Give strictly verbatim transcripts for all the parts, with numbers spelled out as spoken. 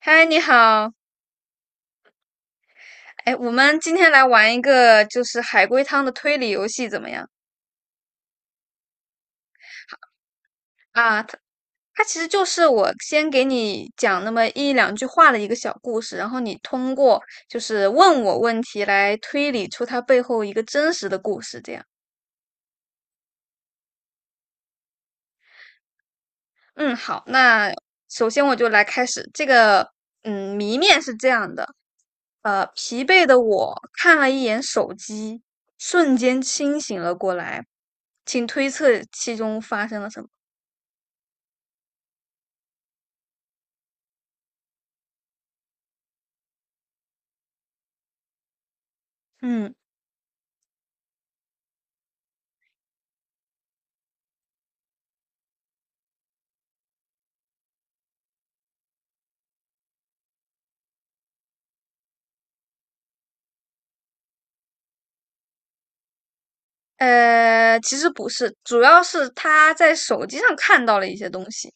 嗨，你好。哎，我们今天来玩一个就是海龟汤的推理游戏，怎么样？啊，它它其实就是我先给你讲那么一两句话的一个小故事，然后你通过就是问我问题来推理出它背后一个真实的故事，这样。嗯，好，那首先我就来开始这个，嗯，谜面是这样的。呃，疲惫的我看了一眼手机，瞬间清醒了过来，请推测其中发生了什么。嗯。呃，其实不是，主要是他在手机上看到了一些东西。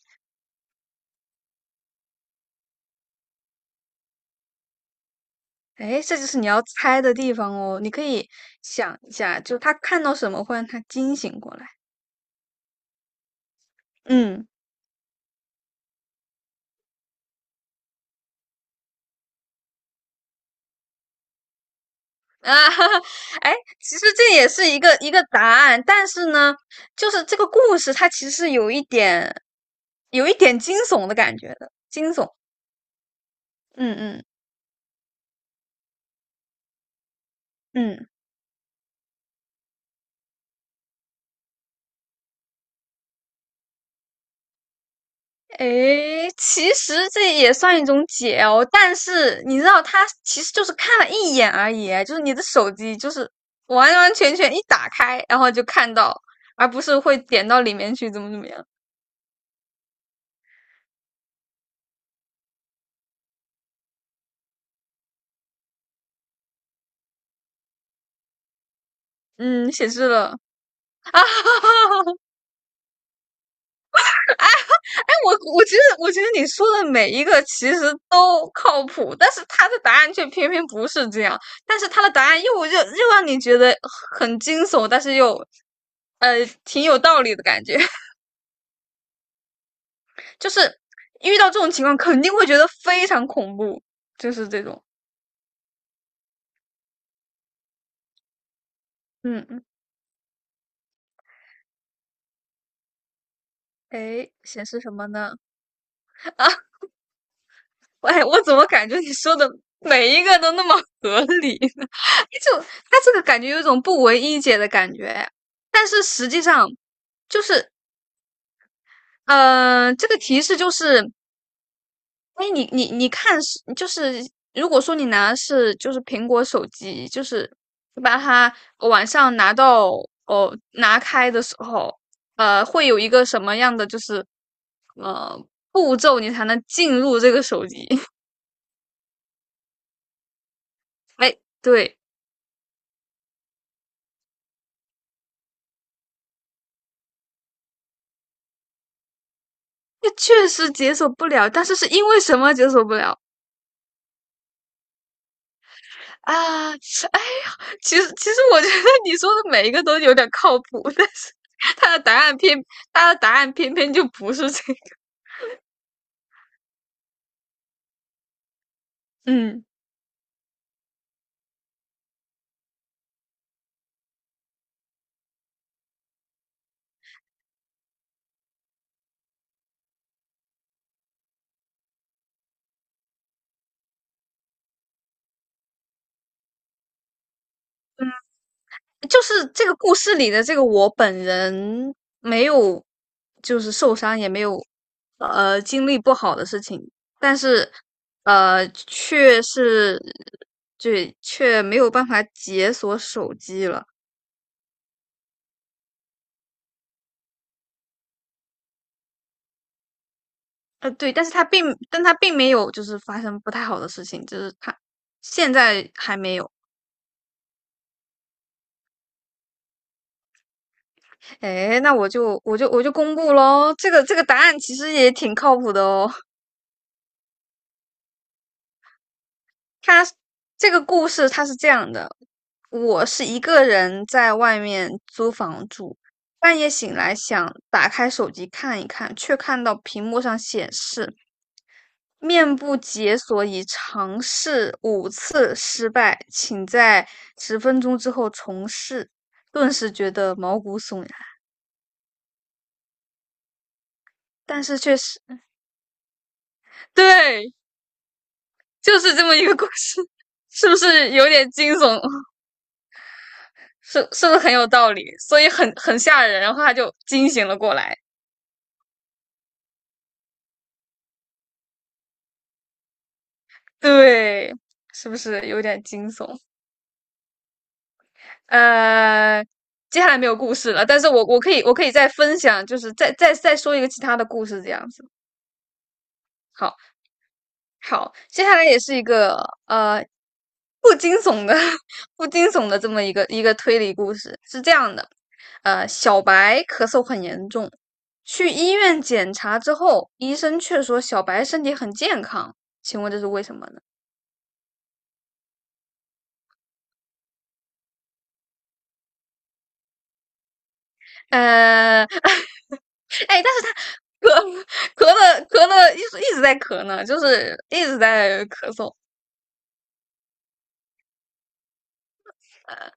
哎，这就是你要猜的地方哦。你可以想一下，就他看到什么会让他惊醒过来。嗯啊，哈哈。哎，其实这也是一个一个答案，但是呢，就是这个故事它其实是有一点，有一点惊悚的感觉的，惊悚。嗯嗯嗯。诶，其实这也算一种解哦，但是你知道，他其实就是看了一眼而已，就是你的手机就是完完全全一打开，然后就看到，而不是会点到里面去，怎么怎么样。嗯，显示了啊！哎，我我觉得，我觉得你说的每一个其实都靠谱，但是他的答案却偏偏不是这样，但是他的答案又又又让你觉得很惊悚，但是又呃挺有道理的感觉。就是遇到这种情况，肯定会觉得非常恐怖，就是这种。嗯嗯，哎，显示什么呢？啊，喂，我怎么感觉你说的每一个都那么合理呢？就他这个感觉有一种不唯一解的感觉，但是实际上就是，呃，这个提示就是哎，你你你看是就是，如果说你拿的是就是苹果手机，就是你把它晚上拿到哦拿开的时候，呃，会有一个什么样的就是呃步骤你才能进入这个手机？哎，对，那确实解锁不了，但是是因为什么解锁不了啊？哎呀，其实其实我觉得你说的每一个都有点靠谱，但是他的答案偏他的答案偏偏就不是这个。嗯。就是这个故事里的这个我本人没有，就是受伤，也没有呃经历不好的事情，但是呃却是对却没有办法解锁手机了。呃，对，但是他并但他并没有就是发生不太好的事情，就是他现在还没有。哎，那我就我就我就公布喽，这个这个答案其实也挺靠谱的哦。他这个故事他是这样的：我是一个人在外面租房住，半夜醒来想打开手机看一看，却看到屏幕上显示面部解锁已尝试五次失败，请在十分钟之后重试。顿时觉得毛骨悚然。但是确实 对，就是这么一个故事。是不是有点惊悚？是是不是很有道理？所以很很吓人，然后他就惊醒了过来。对，是不是有点惊悚？呃，接下来没有故事了，但是我我可以我可以再分享，就是再再再说一个其他的故事这样子。好，好，接下来也是一个呃不惊悚的、不惊悚的这么一个一个推理故事，是这样的。呃，小白咳嗽很严重，去医院检查之后，医生却说小白身体很健康，请问这是为什么呢？呃，哎，但是他咳咳了咳了，一直一直在咳呢，就是一直在咳嗽。呃，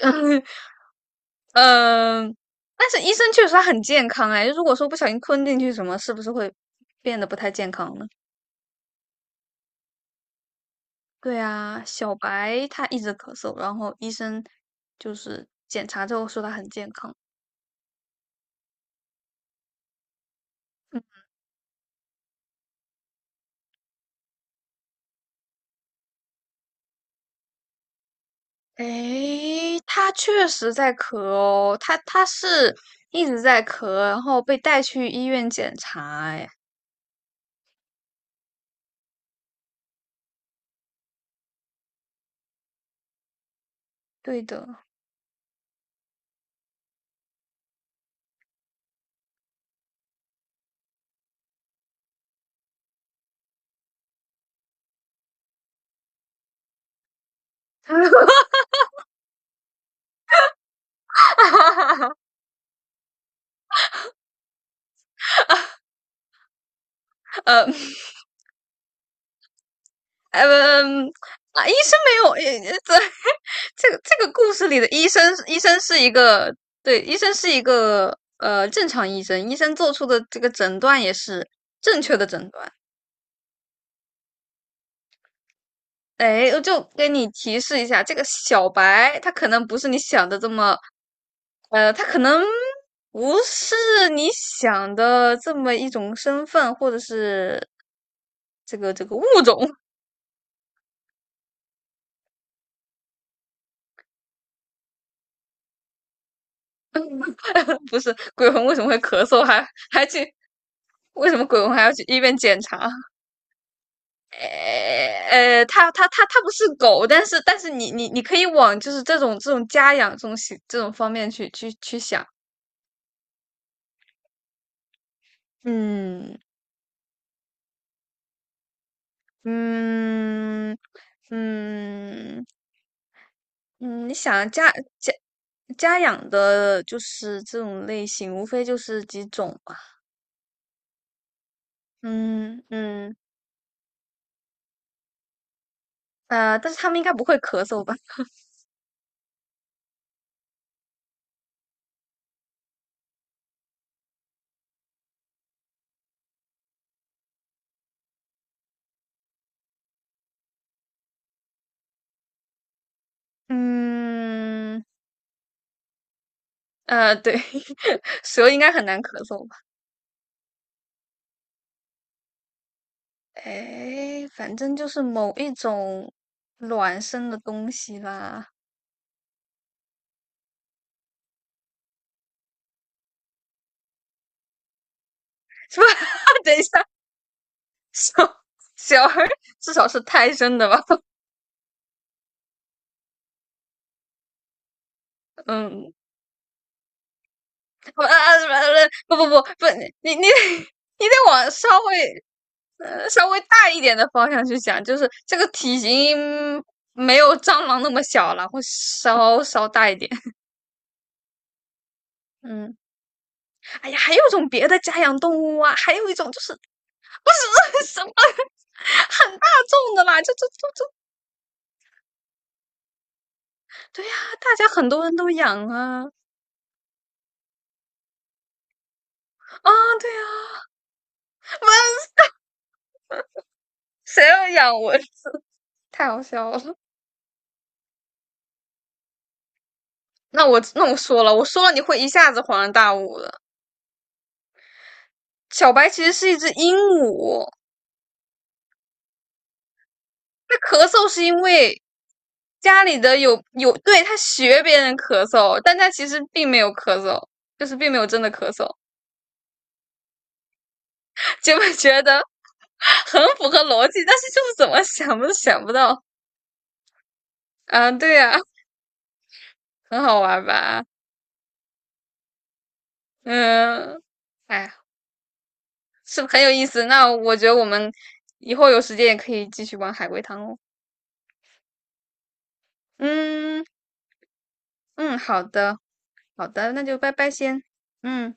嗯、呃但是医生确实他很健康哎，如果说不小心吞进去什么，是不是会变得不太健康呢？对啊，小白他一直咳嗽，然后医生就是检查之后说他很健康。嗯，诶，他确实在咳哦，他他是一直在咳，然后被带去医院检查哎，对的。呃，嗯，啊，医生没有，呃对。这个这个故事里的医生，医生是一个，对，医生是一个呃正常医生，医生做出的这个诊断也是正确的诊断。哎，我就给你提示一下，这个小白他可能不是你想的这么，呃，他可能不是你想的这么一种身份，或者是这个这个物种。不是鬼魂为什么会咳嗽还还去为什么鬼魂还要去医院检查？呃呃，它它它它不是狗，但是但是你你你可以往就是这种这种家养这种这种方面去去去想。嗯嗯嗯嗯，你想家家家养的就是这种类型，无非就是几种吧。嗯嗯。呃，但是他们应该不会咳嗽吧？嗯。呃，对，蛇应该很难咳嗽。哎，反正就是某一种卵生的东西啦。是吧？等一下，小小孩儿至少是胎生的吧？嗯，不啊啊不不不不不，你你你得往稍微呃稍微大一点的方向去想，就是这个体型没有蟑螂那么小了，会稍稍大一点。嗯，哎呀，还有一种别的家养动物啊，还有一种就是不是 什么。很大众的啦，就就就就。对呀、大家很多人都养啊。啊，对呀、不然谁要养我？太好笑了。那我那我说了，我说了你会一下子恍然大悟的。小白其实是一只鹦鹉，它咳嗽是因为家里的有有，对，它学别人咳嗽，但它其实并没有咳嗽，就是并没有真的咳嗽。结果觉得很符合逻辑，但是就是怎么想都想不到。啊，对呀、很好玩吧？嗯，哎呀，是很有意思。那我觉得我们以后有时间也可以继续玩海龟汤哦。嗯嗯，好的。好的，那就拜拜先。嗯。